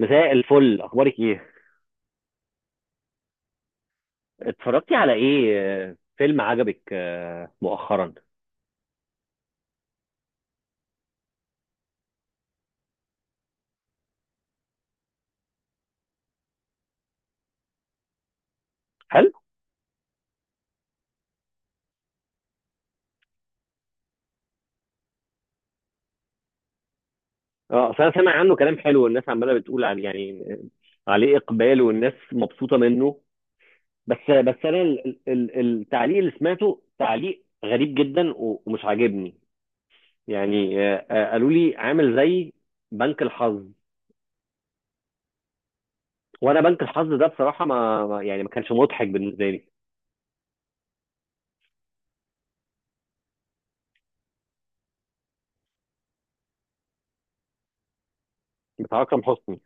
مساء الفل، اخبارك ايه؟ اتفرجتي على ايه؟ فيلم عجبك مؤخرا؟ حلو. اه، اصل انا سامع عنه كلام حلو والناس عماله بتقول عليه، يعني عليه اقبال والناس مبسوطه منه. بس انا التعليق اللي سمعته تعليق غريب جدا ومش عاجبني. يعني قالوا لي عامل زي بنك الحظ، وانا بنك الحظ ده بصراحه يعني ما كانش مضحك بالنسبه لي. بتاع اكرم حسني.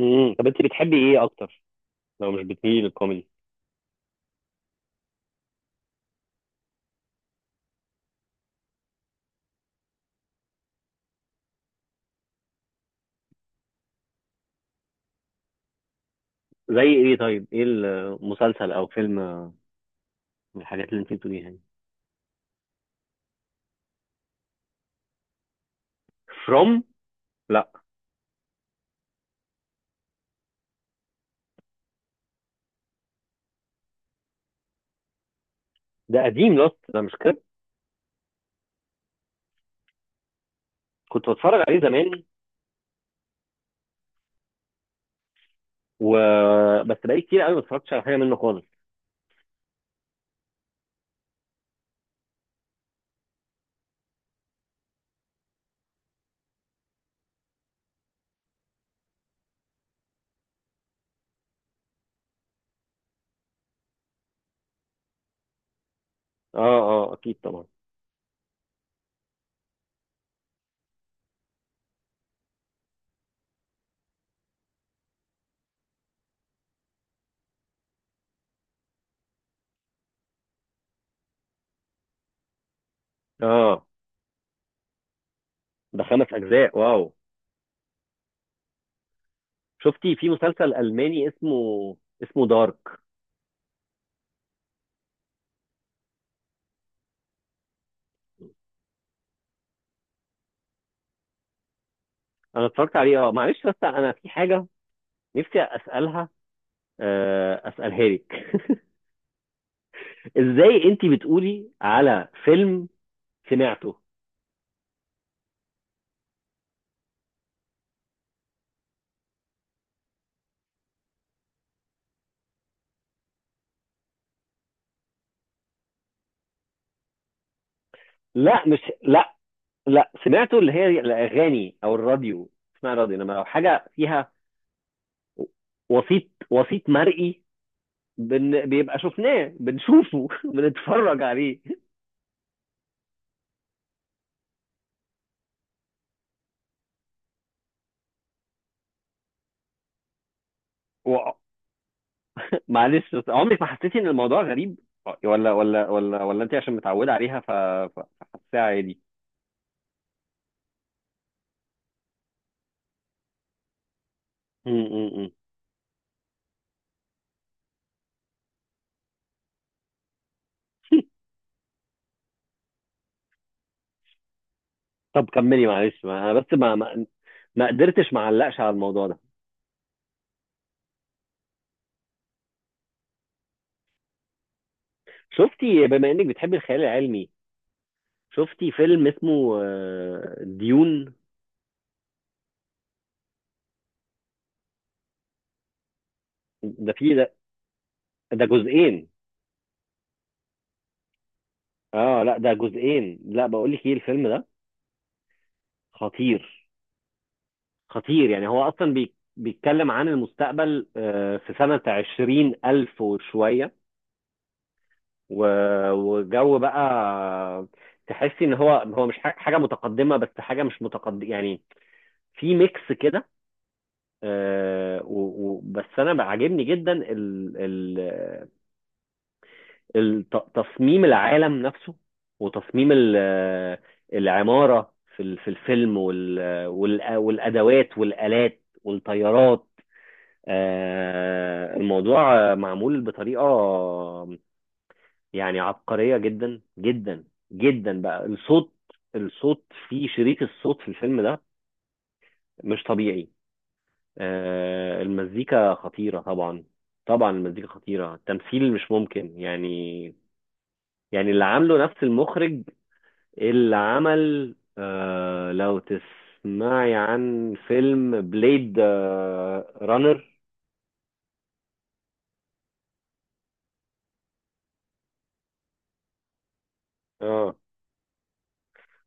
طب انت بتحبي ايه اكتر لو مش بتميلي للكوميدي؟ زي ايه؟ طيب ايه المسلسل او فيلم من الحاجات اللي انت بتقوليها دي؟ فروم. لا. ده قديم لوست ده، مش كده؟ كنت بتفرج عليه زمان، و، بس بقالي كتير قوي ما اتفرجتش على حاجه منه خالص. اه اه، اكيد طبعا. اه، ده خمس اجزاء، واو. شفتي في مسلسل الماني اسمه، اسمه دارك؟ انا اتفرجت عليه، اه معلش بس انا في حاجه نفسي اسالها، اسالها لك. ازاي انت بتقولي على فيلم سمعته؟ لا، مش لا، لا سمعته، اللي هي الاغاني او الراديو، اسمها راديو، انما لو حاجه فيها وسيط، وسيط مرئي، بيبقى شفناه، بنشوفه، بنتفرج عليه. و... معلش، بس عمرك ما حسيتي ان الموضوع غريب، ولا انت عشان متعوده عليها ف ف- فحاساها عادي؟ م- م- م. طب كملي، معلش، ما انا بس ما قدرتش ما اعلقش على الموضوع ده. شفتي بما انك بتحبي الخيال العلمي، شفتي فيلم اسمه ديون؟ ده فيه ده جزئين. اه لا، ده جزئين، لا، بقول لك ايه، الفيلم ده خطير، خطير. يعني هو اصلا بيتكلم عن المستقبل، في سنة 20 ألف وشوية، وجو بقى تحسي ان هو مش حاجة متقدمة، بس حاجة مش متقدمة، يعني في ميكس كده. بس انا عاجبني جدا تصميم العالم نفسه، وتصميم العمارة في في الفيلم، والأدوات والآلات والطيارات. الموضوع معمول بطريقة يعني عبقرية جدا جدا جدا. بقى الصوت، الصوت في شريط الصوت في الفيلم ده مش طبيعي. المزيكا خطيرة طبعا، طبعا المزيكا خطيرة. التمثيل مش ممكن يعني. يعني اللي عامله نفس المخرج اللي عمل، لو تسمعي عن فيلم بليد رانر. اه،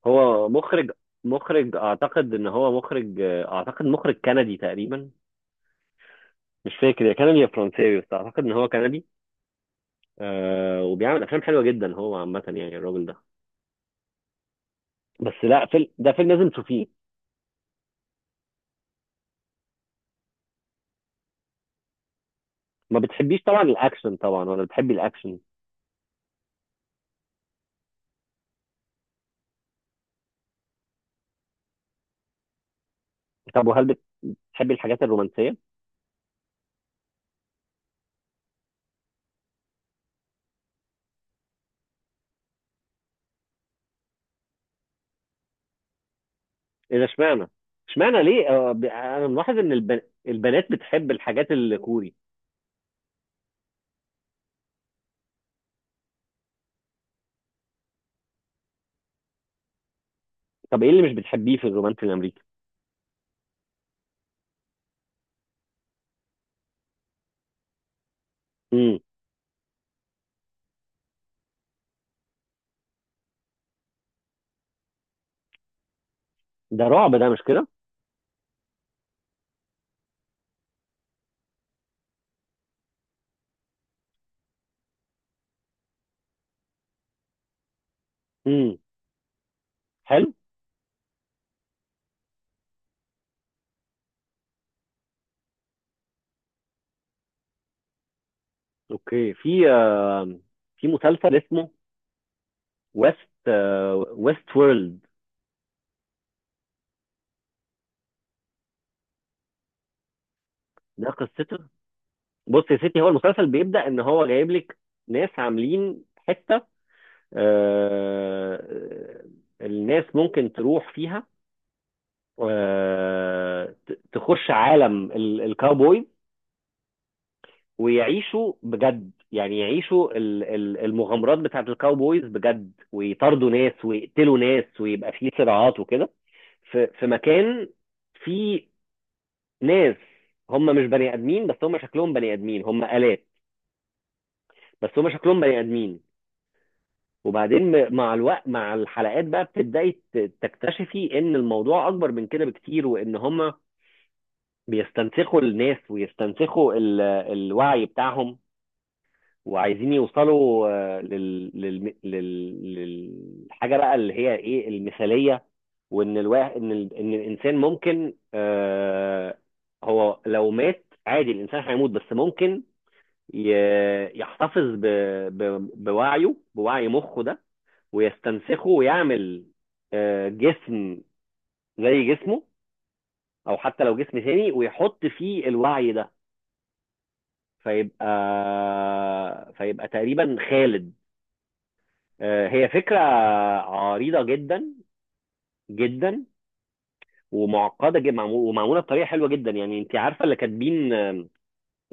هو مخرج، مخرج اعتقد ان هو مخرج، اعتقد مخرج كندي تقريبا، مش فاكر يا كندي يا فرنساوي، بس اعتقد ان هو كندي. وبيعمل افلام حلوه جدا هو عامه، يعني الراجل ده. بس لا، فيلم ده فيلم لازم تشوفيه. ما بتحبيش طبعا الاكشن، طبعا، ولا بتحبي الاكشن؟ طب، وهل بتحبي الحاجات الرومانسيه؟ ايه ده، اشمعنى؟ اشمعنى ليه؟ انا ملاحظ ان البنات بتحب الحاجات الكوري. طب ايه اللي مش بتحبيه في الرومانسي الامريكي؟ امم. ده رعب ده، مش كده؟ امم، حلو. اوكي، في في مسلسل اسمه، ويست، ويست وورلد. ده قصته، بص يا ستي، هو المسلسل بيبدأ ان هو جايب لك ناس عاملين حتة، آه، الناس ممكن تروح فيها، تخش عالم الكاوبويز، ويعيشوا بجد، يعني يعيشوا المغامرات بتاعت الكاوبويز بجد، ويطاردوا ناس، ويقتلوا ناس، ويبقى فيه صراعات وكده. في مكان فيه ناس، هم مش بني ادمين، بس هم شكلهم بني ادمين، هم آلات، بس هم شكلهم بني ادمين. وبعدين مع الوقت، مع الحلقات بقى بتبدأي تكتشفي ان الموضوع اكبر من كده بكتير، وان هم بيستنسخوا الناس ويستنسخوا الوعي بتاعهم، وعايزين يوصلوا، للحاجه بقى اللي هي ايه، المثاليه. وان الواحد، ان ان الانسان ممكن، هو لو مات عادي الانسان هيموت، بس ممكن ي... يحتفظ بوعيه، بوعي مخه ده، ويستنسخه، ويعمل جسم زي جسمه، او حتى لو جسم تاني، ويحط فيه الوعي ده، فيبقى فيبقى تقريبا خالد. هي فكرة عريضة جدا جدا، ومعقدة جدا، ومعمولة بطريقة حلوة جدا، يعني انت عارفة اللي كاتبين،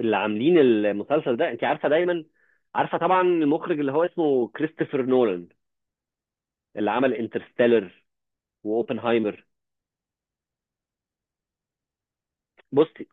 اللي عاملين المسلسل ده، انت عارفة دايما، عارفة طبعا المخرج اللي هو اسمه كريستوفر نولان، اللي عمل انترستيلر واوبنهايمر. بصي،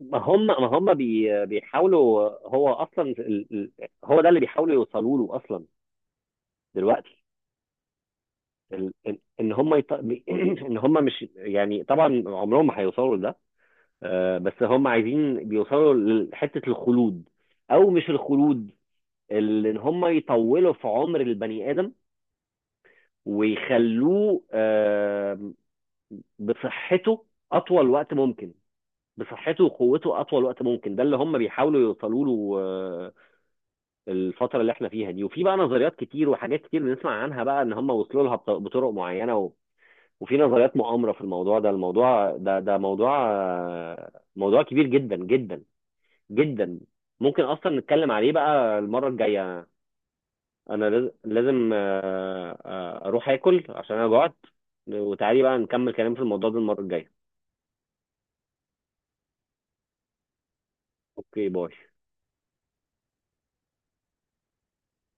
ما هم بيحاولوا، هو اصلا هو ده اللي بيحاولوا يوصلوا له اصلا دلوقتي. ان إن هم ان هم مش، يعني طبعا عمرهم ما هيوصلوا لده، بس هم عايزين بيوصلوا لحتة الخلود، او مش الخلود، ان هم يطولوا في عمر البني ادم ويخلوه، بصحته اطول وقت ممكن، بصحته وقوته اطول وقت ممكن. ده اللي هم بيحاولوا يوصلوا له. الفترة اللي احنا فيها دي، وفي بقى نظريات كتير وحاجات كتير بنسمع عنها بقى ان هم وصلوا لها بطرق معينة. و... وفي نظريات مؤامرة في الموضوع ده، الموضوع ده، ده موضوع موضوع كبير جدا جدا جدا. ممكن اصلا نتكلم عليه بقى المره الجايه. انا لازم اروح اكل عشان انا جوعت. وتعالي بقى نكمل كلام في الموضوع ده المره الجايه. اوكي، باي.